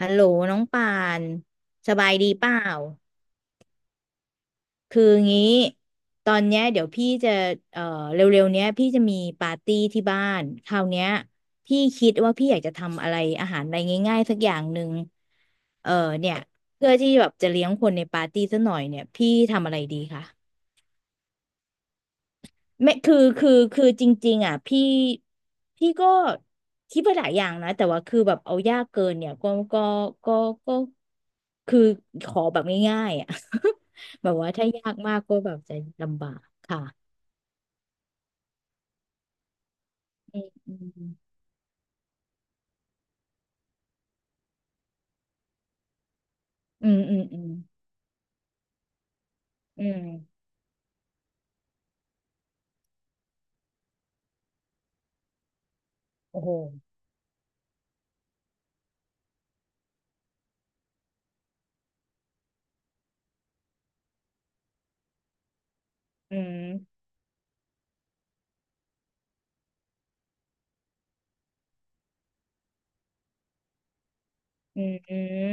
ฮัลโหลน้องป่านสบายดีเปล่าคืองี้ตอนเนี้ยเดี๋ยวพี่จะเอ่อเร็วๆเนี้ยพี่จะมีปาร์ตี้ที่บ้านคราวเนี้ยพี่คิดว่าพี่อยากจะทำอะไรอาหารอะไรง่ายๆสักอย่างหนึ่งเออเนี่ยเพื่อที่แบบจะเลี้ยงคนในปาร์ตี้สักหน่อยเนี่ยพี่ทำอะไรดีคะ ไม่คือจริงๆอ่ะพี่ก็คิดไปหลายอย่างนะแต่ว่าคือแบบเอายากเกินเนี่ยก็ก็คือขอแบบง่ายๆอ่ะ แบบว่าถ้ายากมากก็แบบจะลำบากค่ะอืมอืมอืมอืมอืมโอ้โหอืมอืมอืม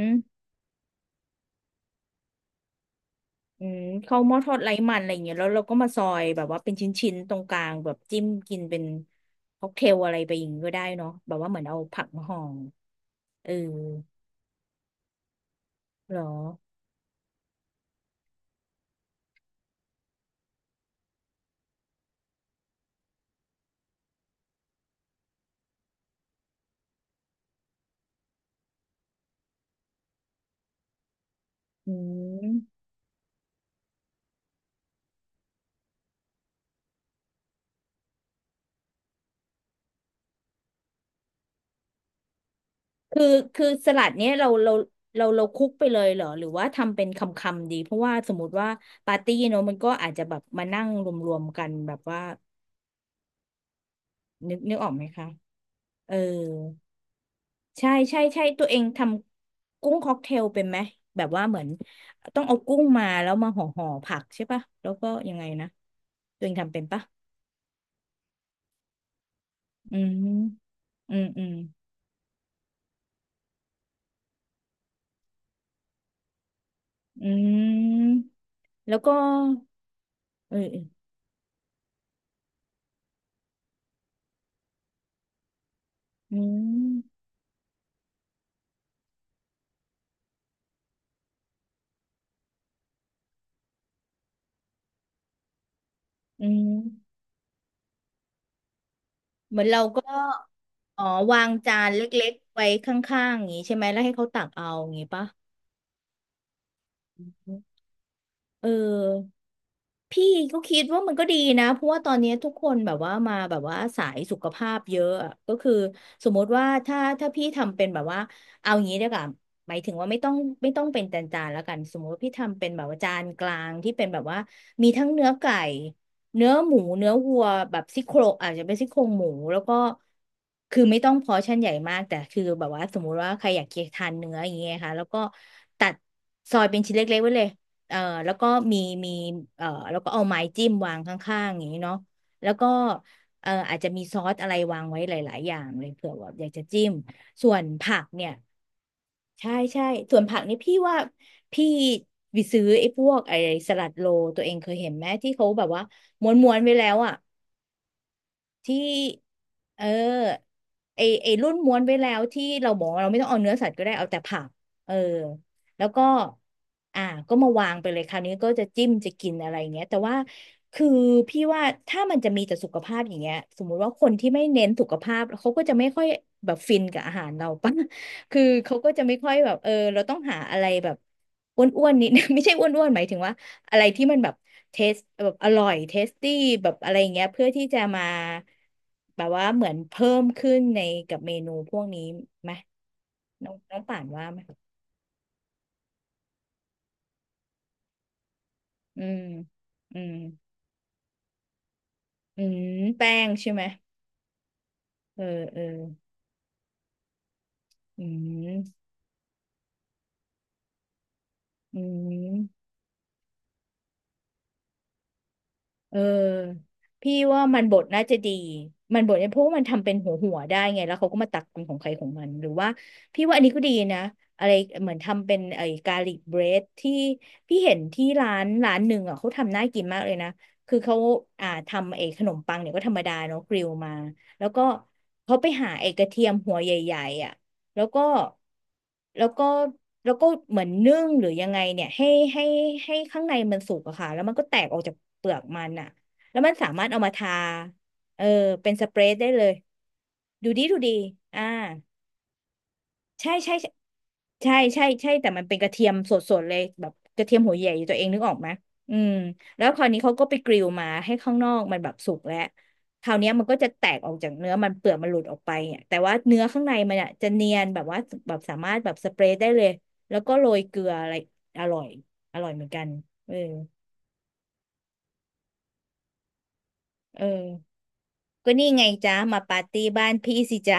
อืมข้าวหม้อทอดไร้มันอะไรอย่างเงี้ยแล้วเราก็มาซอยแบบว่าเป็นชิ้นๆตรงกลางแบบจิ้มกินเป็นค็อกเทลอะไรไปอย่างงี้ก็ได้เนาะแบบว่าเหมือนเอาผักมาห่อเออ เหรอ อืม คือ คือสลัดเนี้ยเราคลุกไปเลยเหรอ หรือว่าทำเป็นคำคำดี เพราะว่าสมมติว่าปาร์ตี้เนอะมันก็อาจจะแบบมานั่งรวมๆกันแบบว่านึกออกไหมคะเออใช่ตัวเองทำกุ้งค็อกเทลเป็นไหมแบบว่าเหมือนต้องเอากุ้งมาแล้วมาห่อผักใช่ปะ แล้วก็ยังไงนะ ตัวเองทำเป็นปะอืมอืมอืมอืมแล้วก็เออเอออืม อืมเหมือนเราก็อ๋อวางจานเล็กๆไว้ข้างๆอย่างนี้ใช่ไหมแล้วให้เขาตักเอาอย่างนี้ปะเออ พี่ก็คิดว่ามันก็ดีนะเพราะว่าตอนนี้ทุกคนแบบว่ามาแบบว่าสายสุขภาพเยอะอะก็คือสมมติว่าถ้าพี่ทำเป็นแบบว่าเอาอย่างนี้ดีกว่าหมายถึงว่าไม่ต้องเป็นจานแล้วกันสมมติว่าพี่ทำเป็นแบบว่าจานกลางที่เป็นแบบว่ามีทั้งเนื้อไก่เนื้อหมูเนื้อวัวแบบซี่โครงอาจจะเป็นซี่โครงหมูแล้วก็คือไม่ต้องพอร์ชั่นใหญ่มากแต่คือแบบว่าสมมุติว่าใครอยากทานเนื้ออย่างเงี้ยค่ะแล้วก็ตัดซอยเป็นชิ้นเล็กๆไว้เลย เอ่อแล้วก็มีมีแล้วก็เอาไม้จิ้มวางข้างๆอย่างนี้เนาะแล้วก็อาจจะมีซอสอะไรวางไว้หลายๆอย่างเลยเผื่อว่าอยากจะจิ้มส่วนผักเนี่ยใช่ส่วนผักนี่พี่ว่าพี่ไปซื้อไอ้พวกไอ้สลัดโรลตัวเองเคยเห็นไหมที่เขาแบบว่าม้วนๆไว้แล้วอ่ะ ที่เออไอรุ่นม้วนไว้แล้วที่เราบอกว่าเราไม่ต้องเอาเนื้อสัตว์ก็ได้เอาแต่ผักเออแล้วก็อ่าก็มาวางไปเลยคราวนี้ก็จะจิ้มจะกินอะไรเงี้ยแต่ว่าคือพี่ว่าถ้ามันจะมีแต่สุขภาพอย่างเงี้ยสมมุติว่าคนที่ไม่เน้นสุขภาพเขาก็จะไม่ค่อยแบบฟินกับอาหารเราปะ คือเขาก็จะไม่ค่อยแบบเออเราต้องหาอะไรแบบอ้วนๆนิด ไม่ใช่อ้วนๆหมายถึงว่า อะไรที่มันแบบเทสแบบอร่อยเทสตี้แบบอะไรอย่างเงี้ยเพื่อที่จะมาแบบว่าเหมือนเพิ่มขึ้นในกับเมนูพวกนี้ไหมน้องน้องป่านว่าไหมอืมอืมอืมแป้งใช่ไหมเออเอออืมอืม เออพี่ว่ามันบดน่าจะดีมันบดเนี่ยเพราะว่ามันทำเป็นหัวได้ไงแล้วเขาก็มาตักเป็นของใครของมันหรือว่าพี่ว่าอันนี้ก็ดีนะอะไรเหมือนทำเป็นไอ้กาลิกเบรดที่พี่เห็นที่ร้านหนึ่งอ่ะเขาทำน่ากินมากเลยนะคือเขาอ่าทำไอ้ขนมปังเนี่ยก็ธรรมดาเนาะกริลมาแล้วก็เขาไปหาไอ้กระเทียมหัวใหญ่ๆอ่ะ แล้วก็แล้วก็แล้วก็เหมือนนึ่งหรือยังไงเนี่ยให้ให้ข้างในมันสุกอะค่ะแล้วมันก็แตกออกจากเปลือกมันอะแล้วมันสามารถเอามาทาเออเป็นสเปรย์ได้เลยดูดีดูดีอ่า ใช่ใช่ใช่ใช่ใช่ใช่แต่มันเป็นกระเทียมสดๆเลยแบบกระเทียมหัวใหญ่ตัวเองนึกออกไหมอืมแล้วคราวนี้เขาก็ไปกริลมาให้ข้างนอกมันแบบสุกแล้วคราวเนี้ยมันก็จะแตกออกจากเนื้อมันเปลือกมันหลุดออกไปเนี่ยแต่ว่าเนื้อข้างในมันอ่ะจะเนียนแบบว่าแบบสามารถแบบสเปรย์ได้เลยแล้วก็โรยเกลืออะไรอร่อยอร่อยเหมือนกันเออเออ ก็นี่ไงจ้ามาปาร์ตี้บ้านพี่สิจ้า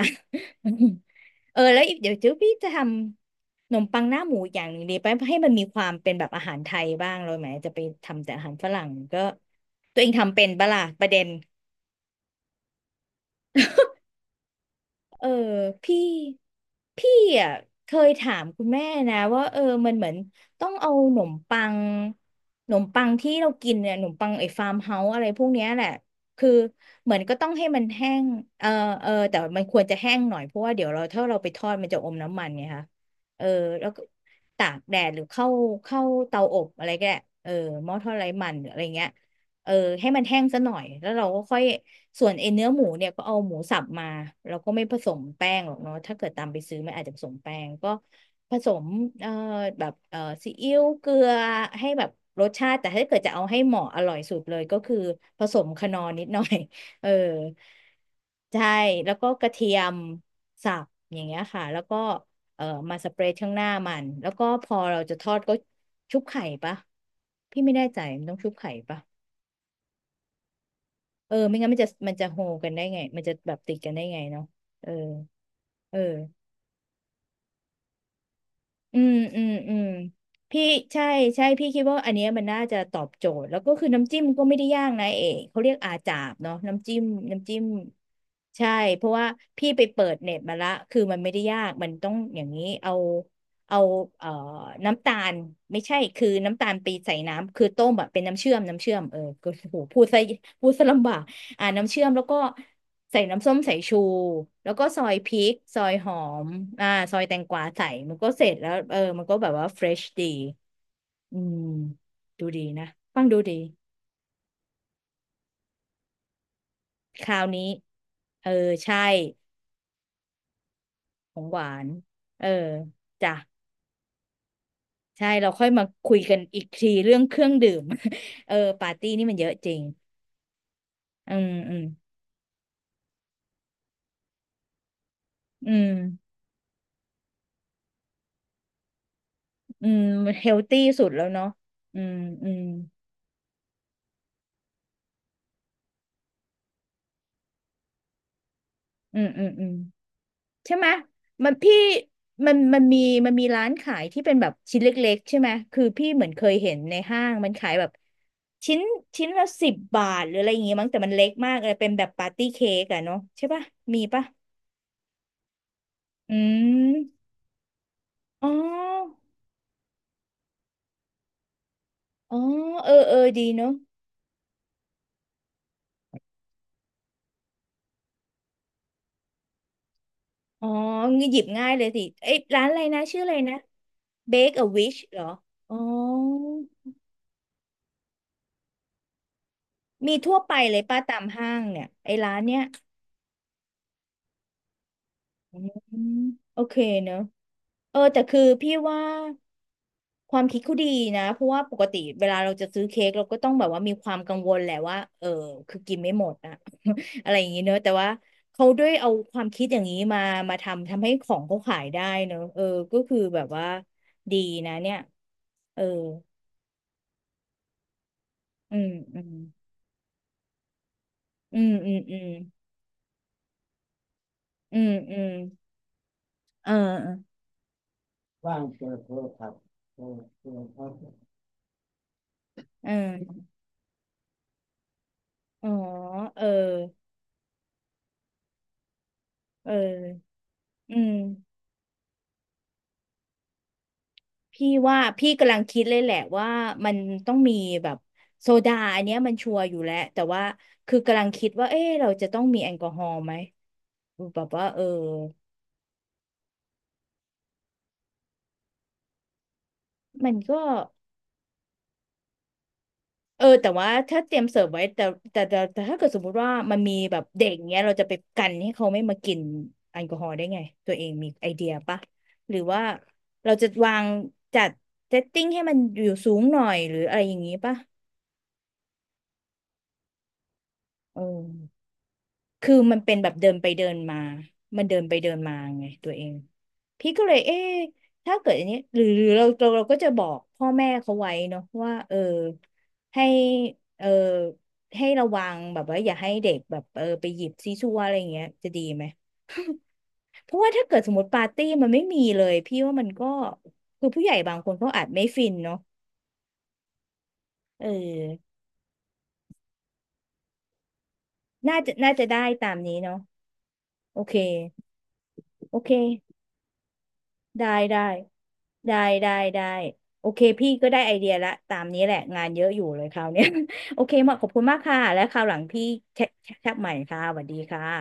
เออแล้วอีกเดี๋ยวเจ้าพี่จะทำขนมปังหน้าหมูอย่างหนึ่งดีไปให้มันมีความเป็นแบบอาหารไทยบ้างเลยไหมจะไปทำแต่อาหารฝรั่งก็ตัวเองทำเป็นปะล่ะประเด็น เออพี่พี่อ่ะเคยถามคุณแม่นะว่าเออมันเหมือนต้องเอาหนมปังที่เรากินเนี่ยหนมปังไอ้ฟาร์มเฮาส์อะไรพวกเนี้ยแหละคือเหมือนก็ต้องให้มันแห้งเออเออแต่มันควรจะแห้งหน่อยเพราะว่าเดี๋ยวเราถ้าเราไปทอดมันจะอมน้ำมันไงคะเออแล้วก็ตากแดดหรือเข้าเตาอบอะไรก็ได้เออหม้อทอดไร้มันหรืออะไรเงี้ย เออให้มันแห้งซะหน่อยแล้วเราก็ค่อยส่วนไอ้เนื้อหมูเนี่ยก็เอาหมูสับมาเราก็ไม่ผสมแป้งหรอกเนาะถ้าเกิดตามไปซื้อมันอาจจะผสมแป้งก็ผสมเอ่อแบบซีอิ๊วเกลือให้แบบรสชาติแต่ถ้าเกิดจะเอาให้เหมาะอร่อยสุดเลยก็คือผสมคนอร์นิดหน่อย เออใช่แล้วก็กระเทียมสับอย่างเงี้ยค่ะแล้วก็เอ่อมาสเปรย์ข้างหน้ามันแล้วก็พอเราจะทอดก็ชุบไข่ปะพี่ไม่แน่ใจมันต้องชุบไข่ปะ เออไม่งั้นมันจะโฮกันได้ไงมันจะแบบติดกันได้ไงเนาะเออเอออืมอืมอืมพี่ใช่ใช่พี่คิดว่าอันเนี้ยมันน่าจะตอบโจทย์แล้วก็คือน้ำจิ้มก็ไม่ได้ยากนะเอกเขาเรียกอาจาบเนาะน้ำจิ้มใช่เพราะว่าพี่ไปเปิดเน็ตมาละคือมันไม่ได้ยากมันต้องอย่างนี้เอาเอ่อน้ำตาลไม่ใช่คือน้ำตาลไปใส่น้ำคือต้มแบบเป็นน้ำเชื่อมเออก็โหพูดซะลำบาก อ่าน้ำเชื่อมแล้วก็ใส่น้ำส้มสายชูแล้วก็ซอยพริกซอยหอมอ่าซอยแตงกวาใส่มันก็เสร็จแล้วเออมันก็แบบว่าเฟรชดีอืมดูดีนะฟังดูดีคราวนี้เออใช่ของหวานเออจ้ะใช่เราค่อยมาคุยกันอีกทีเรื่องเครื่องดื่ม เออปาร์ตี้นี่มันเยอะจริงอืมอืมอืมอืมเฮลตี้สุดแล้วเนาะอืมอืมอืมอืมอืม ใช่ไหมมันพี่มันมันมีมันมีร้านขายที่เป็นแบบชิ้นเล็กๆใช่ไหมคือพี่เหมือนเคยเห็นในห้างมันขายแบบชิ้นชิ้นละสิบบาทหรืออะไรอย่างงี้มั้งแต่มันเล็กมากเลยเป็นแบบปาร์ตี้เค้กอะเนาะใช่ปะมีปะอืมอ๋ออ๋อเออเออดีเนาะอ๋องี้หยิบง่ายเลยสิเอ้ยร้านอะไรนะชื่ออะไรนะ Bake a Wish เหรออ๋อมีทั่วไปเลยป้าตามห้างเนี่ยไอ้ร้านเนี้ย อืมโอเคเนอะเออแต่คือพี่ว่าความคิดเขาดีนะเพราะว่าปกติเวลาเราจะซื้อเค้กเราก็ต้องแบบว่ามีความกังวลแหละว่าเออคือกินไม่หมดอะ อะไรอย่างงี้เนอะแต่ว่าเขาด้วยเอาความคิดอย่างนี้มาทำให้ของเขาขายได้เนอะเออก็คือแบบว่าดีนะเนี่ยเอออืมอืมอืมอืมอืมอืมอืมเออเออเอออ๋อเออเอออืม พี่ว่าพี่กำลังคิดเลยแหละว่ามันต้องมีแบบโซดาอันเนี้ยมันชัวร์อยู่แล้วแต่ว่าคือกำลังคิดว่าเอ๊ะเราจะต้องมีแอลกอฮอล์ไหมแบบว่าเออมันก็เออแต่ว่าถ้าเตรียมเสิร์ฟไว้แต่ถ้าเกิดสมมุติว่ามันมีแบบเด็กเงี้ยเราจะไปกันให้เขาไม่มากินแอลกอฮอล์ได้ไงตัวเองมีไอเดียปะหรือว่าเราจะวางจัดเซตติ้งให้มันอยู่สูงหน่อยหรืออะไรอย่างงี้ปะเออ คือมันเป็นแบบเดินไปเดินมา มันเดินไปเดินมาไงตัวเองพี่ก็เลยเอ๊ะถ้าเกิดอันนี้ หรือเราก็จะบอกพ่อแม่เขาไว้เนาะว่าเออให้เออให้ระวังแบบว่าอย่าให้เด็กแบบไปหยิบซีซัวอะไรอย่างเงี้ยจะดีไหมเพราะว่าถ้าเกิดสมมติปาร์ตี้มันไม่มีเลยพี่ว่ามันก็คือผู้ใหญ่บางคนเขาอาจไม่ฟินเนาะเออน่าจะได้ตามนี้เนาะโอเคโอเคได้ได้ ได้ได้ได้โอเคพี่ก็ได้ไอเดียละตามนี้แหละงานเยอะอยู่เลยคราวเนี้ย โอเคมาขอบคุณมากค่ะและคราวหลังพี่แชทใหม่ค่ะสวัสดีค่ะ